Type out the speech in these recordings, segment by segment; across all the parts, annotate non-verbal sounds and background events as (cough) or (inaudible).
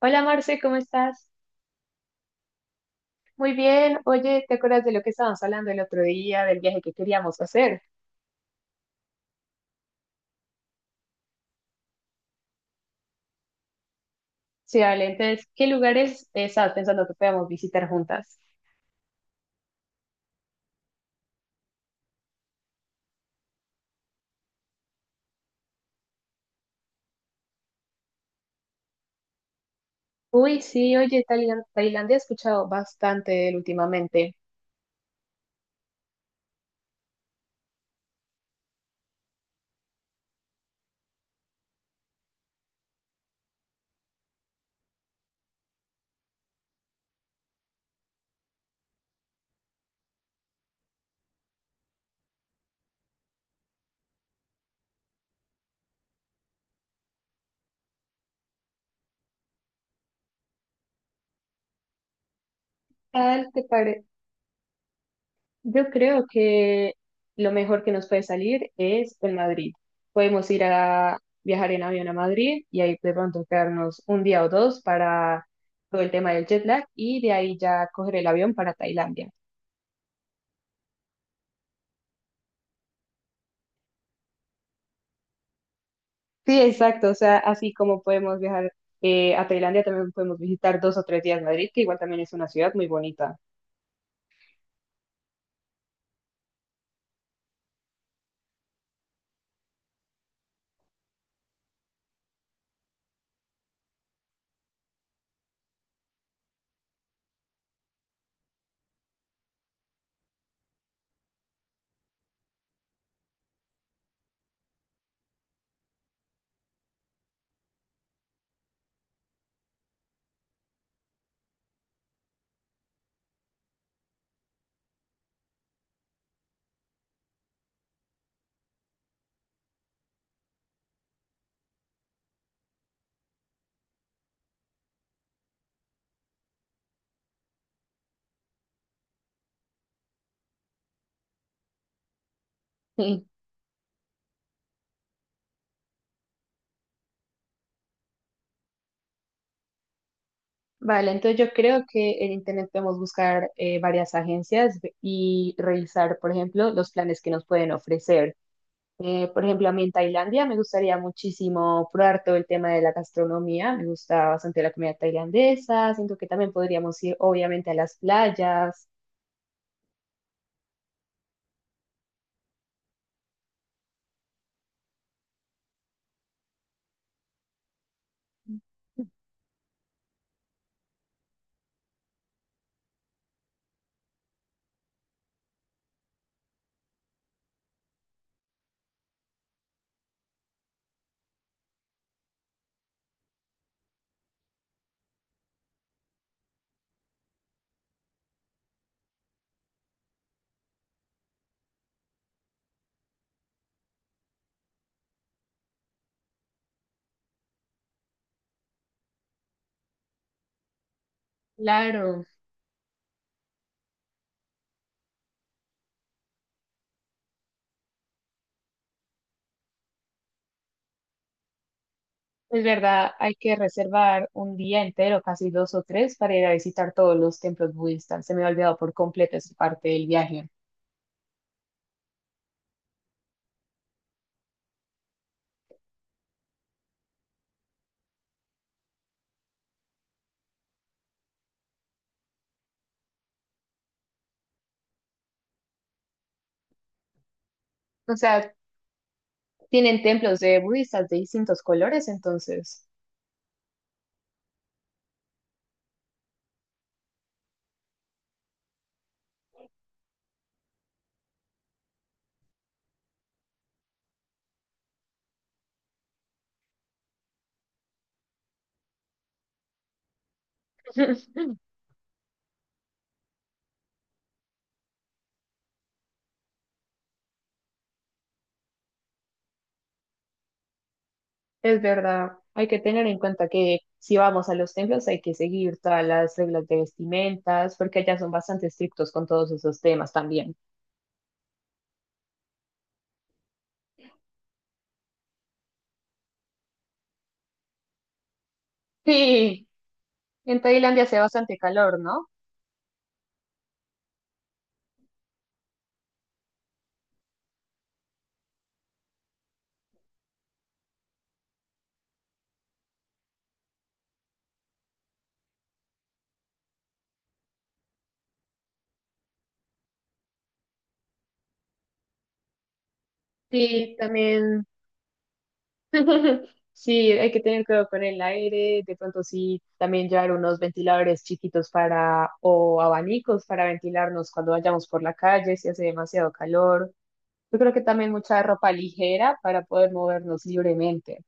Hola, Marce, ¿cómo estás? Muy bien. Oye, ¿te acuerdas de lo que estábamos hablando el otro día, del viaje que queríamos hacer? Sí, vale. Entonces, ¿qué lugares estabas pensando que podíamos visitar juntas? Uy, sí, oye, Tailandia he escuchado bastante de él últimamente. ¿Tal te pare? Yo creo que lo mejor que nos puede salir es en Madrid. Podemos ir a viajar en avión a Madrid y ahí de pronto quedarnos un día o dos para todo el tema del jet lag y de ahí ya coger el avión para Tailandia. Sí, exacto. O sea, así como podemos viajar a Tailandia, también podemos visitar dos o tres días Madrid, que igual también es una ciudad muy bonita. Sí. Vale, entonces yo creo que en internet podemos buscar varias agencias y revisar, por ejemplo, los planes que nos pueden ofrecer. Por ejemplo, a mí en Tailandia me gustaría muchísimo probar todo el tema de la gastronomía. Me gusta bastante la comida tailandesa. Siento que también podríamos ir, obviamente, a las playas. Claro. Es verdad, hay que reservar un día entero, casi dos o tres, para ir a visitar todos los templos budistas. Se me ha olvidado por completo esa parte del viaje. O sea, tienen templos de budistas de distintos colores, entonces. (laughs) Es verdad, hay que tener en cuenta que si vamos a los templos hay que seguir todas las reglas de vestimentas, porque allá son bastante estrictos con todos esos temas también. (laughs) Sí, en Tailandia hace bastante calor, ¿no? Sí, también. (laughs) Sí, hay que tener cuidado con el aire, de pronto sí, también llevar unos ventiladores chiquitos para o abanicos para ventilarnos cuando vayamos por la calle si hace demasiado calor. Yo creo que también mucha ropa ligera para poder movernos libremente.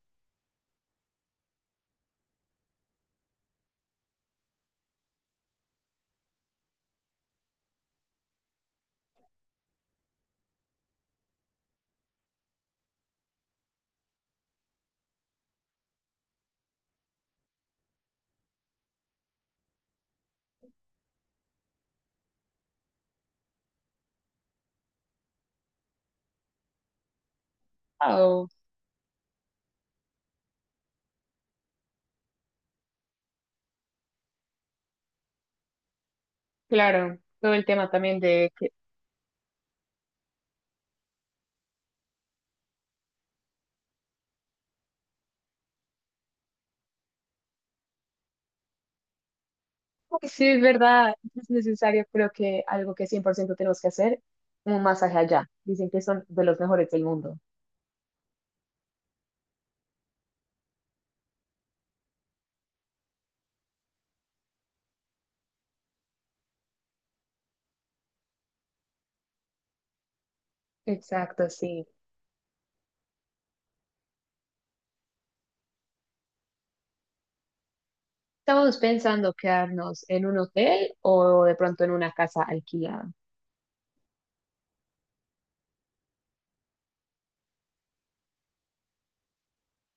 Oh, claro, todo el tema también de que sí es verdad, es necesario, creo que algo que 100% tenemos que hacer, un masaje allá. Dicen que son de los mejores del mundo. Exacto, sí. Estamos pensando quedarnos en un hotel o de pronto en una casa alquilada.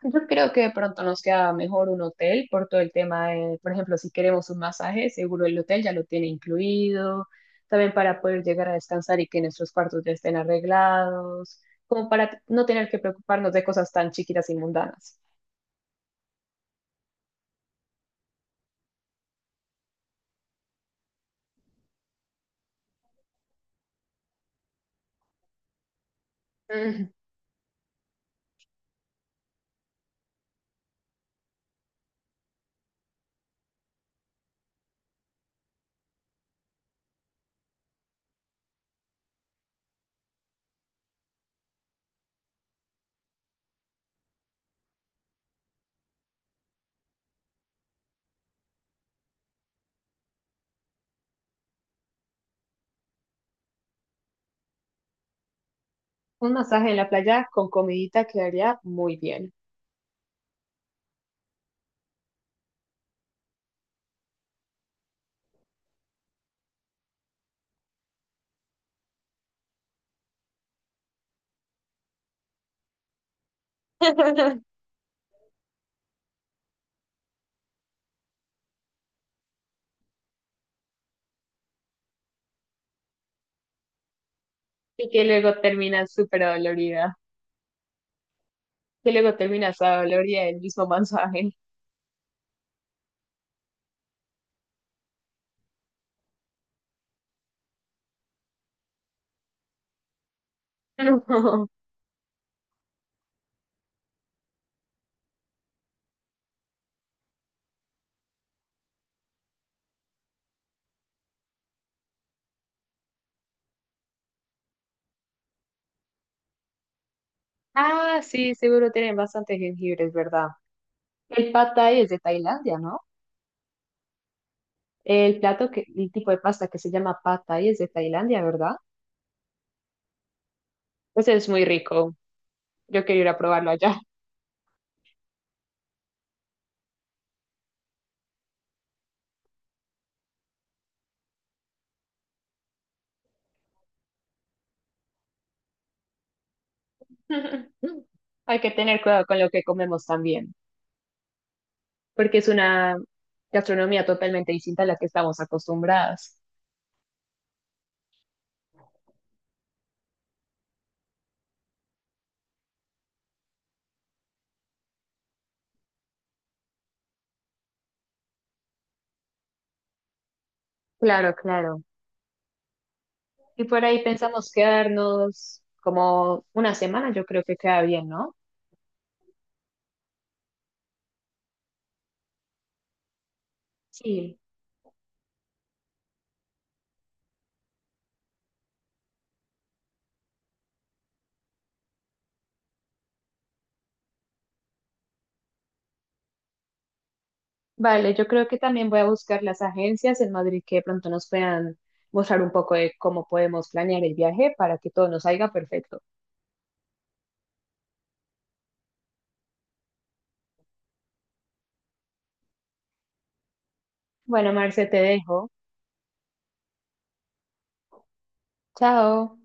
Yo creo que de pronto nos queda mejor un hotel por todo el tema de, por ejemplo, si queremos un masaje, seguro el hotel ya lo tiene incluido, también para poder llegar a descansar y que nuestros cuartos ya estén arreglados, como para no tener que preocuparnos de cosas tan chiquitas y mundanas. Mm. Un masaje en la playa con comidita quedaría muy bien. (laughs) Y que luego terminas súper dolorida. Que luego terminas a gloria el mismo mensaje. (laughs) Ah, sí, seguro tienen bastantes jengibres, ¿verdad? El pad thai es de Tailandia, ¿no? El plato que, el tipo de pasta que se llama pad thai es de Tailandia, ¿verdad? Pues es muy rico. Yo quiero ir a probarlo allá. (laughs) Hay que tener cuidado con lo que comemos también, porque es una gastronomía totalmente distinta a la que estamos acostumbradas. Claro, claro. Y por ahí pensamos quedarnos como una semana, yo creo que queda bien, ¿no? Sí. Vale, yo creo que también voy a buscar las agencias en Madrid que de pronto nos puedan mostrar un poco de cómo podemos planear el viaje para que todo nos salga perfecto. Bueno, Marce, te dejo. Chao.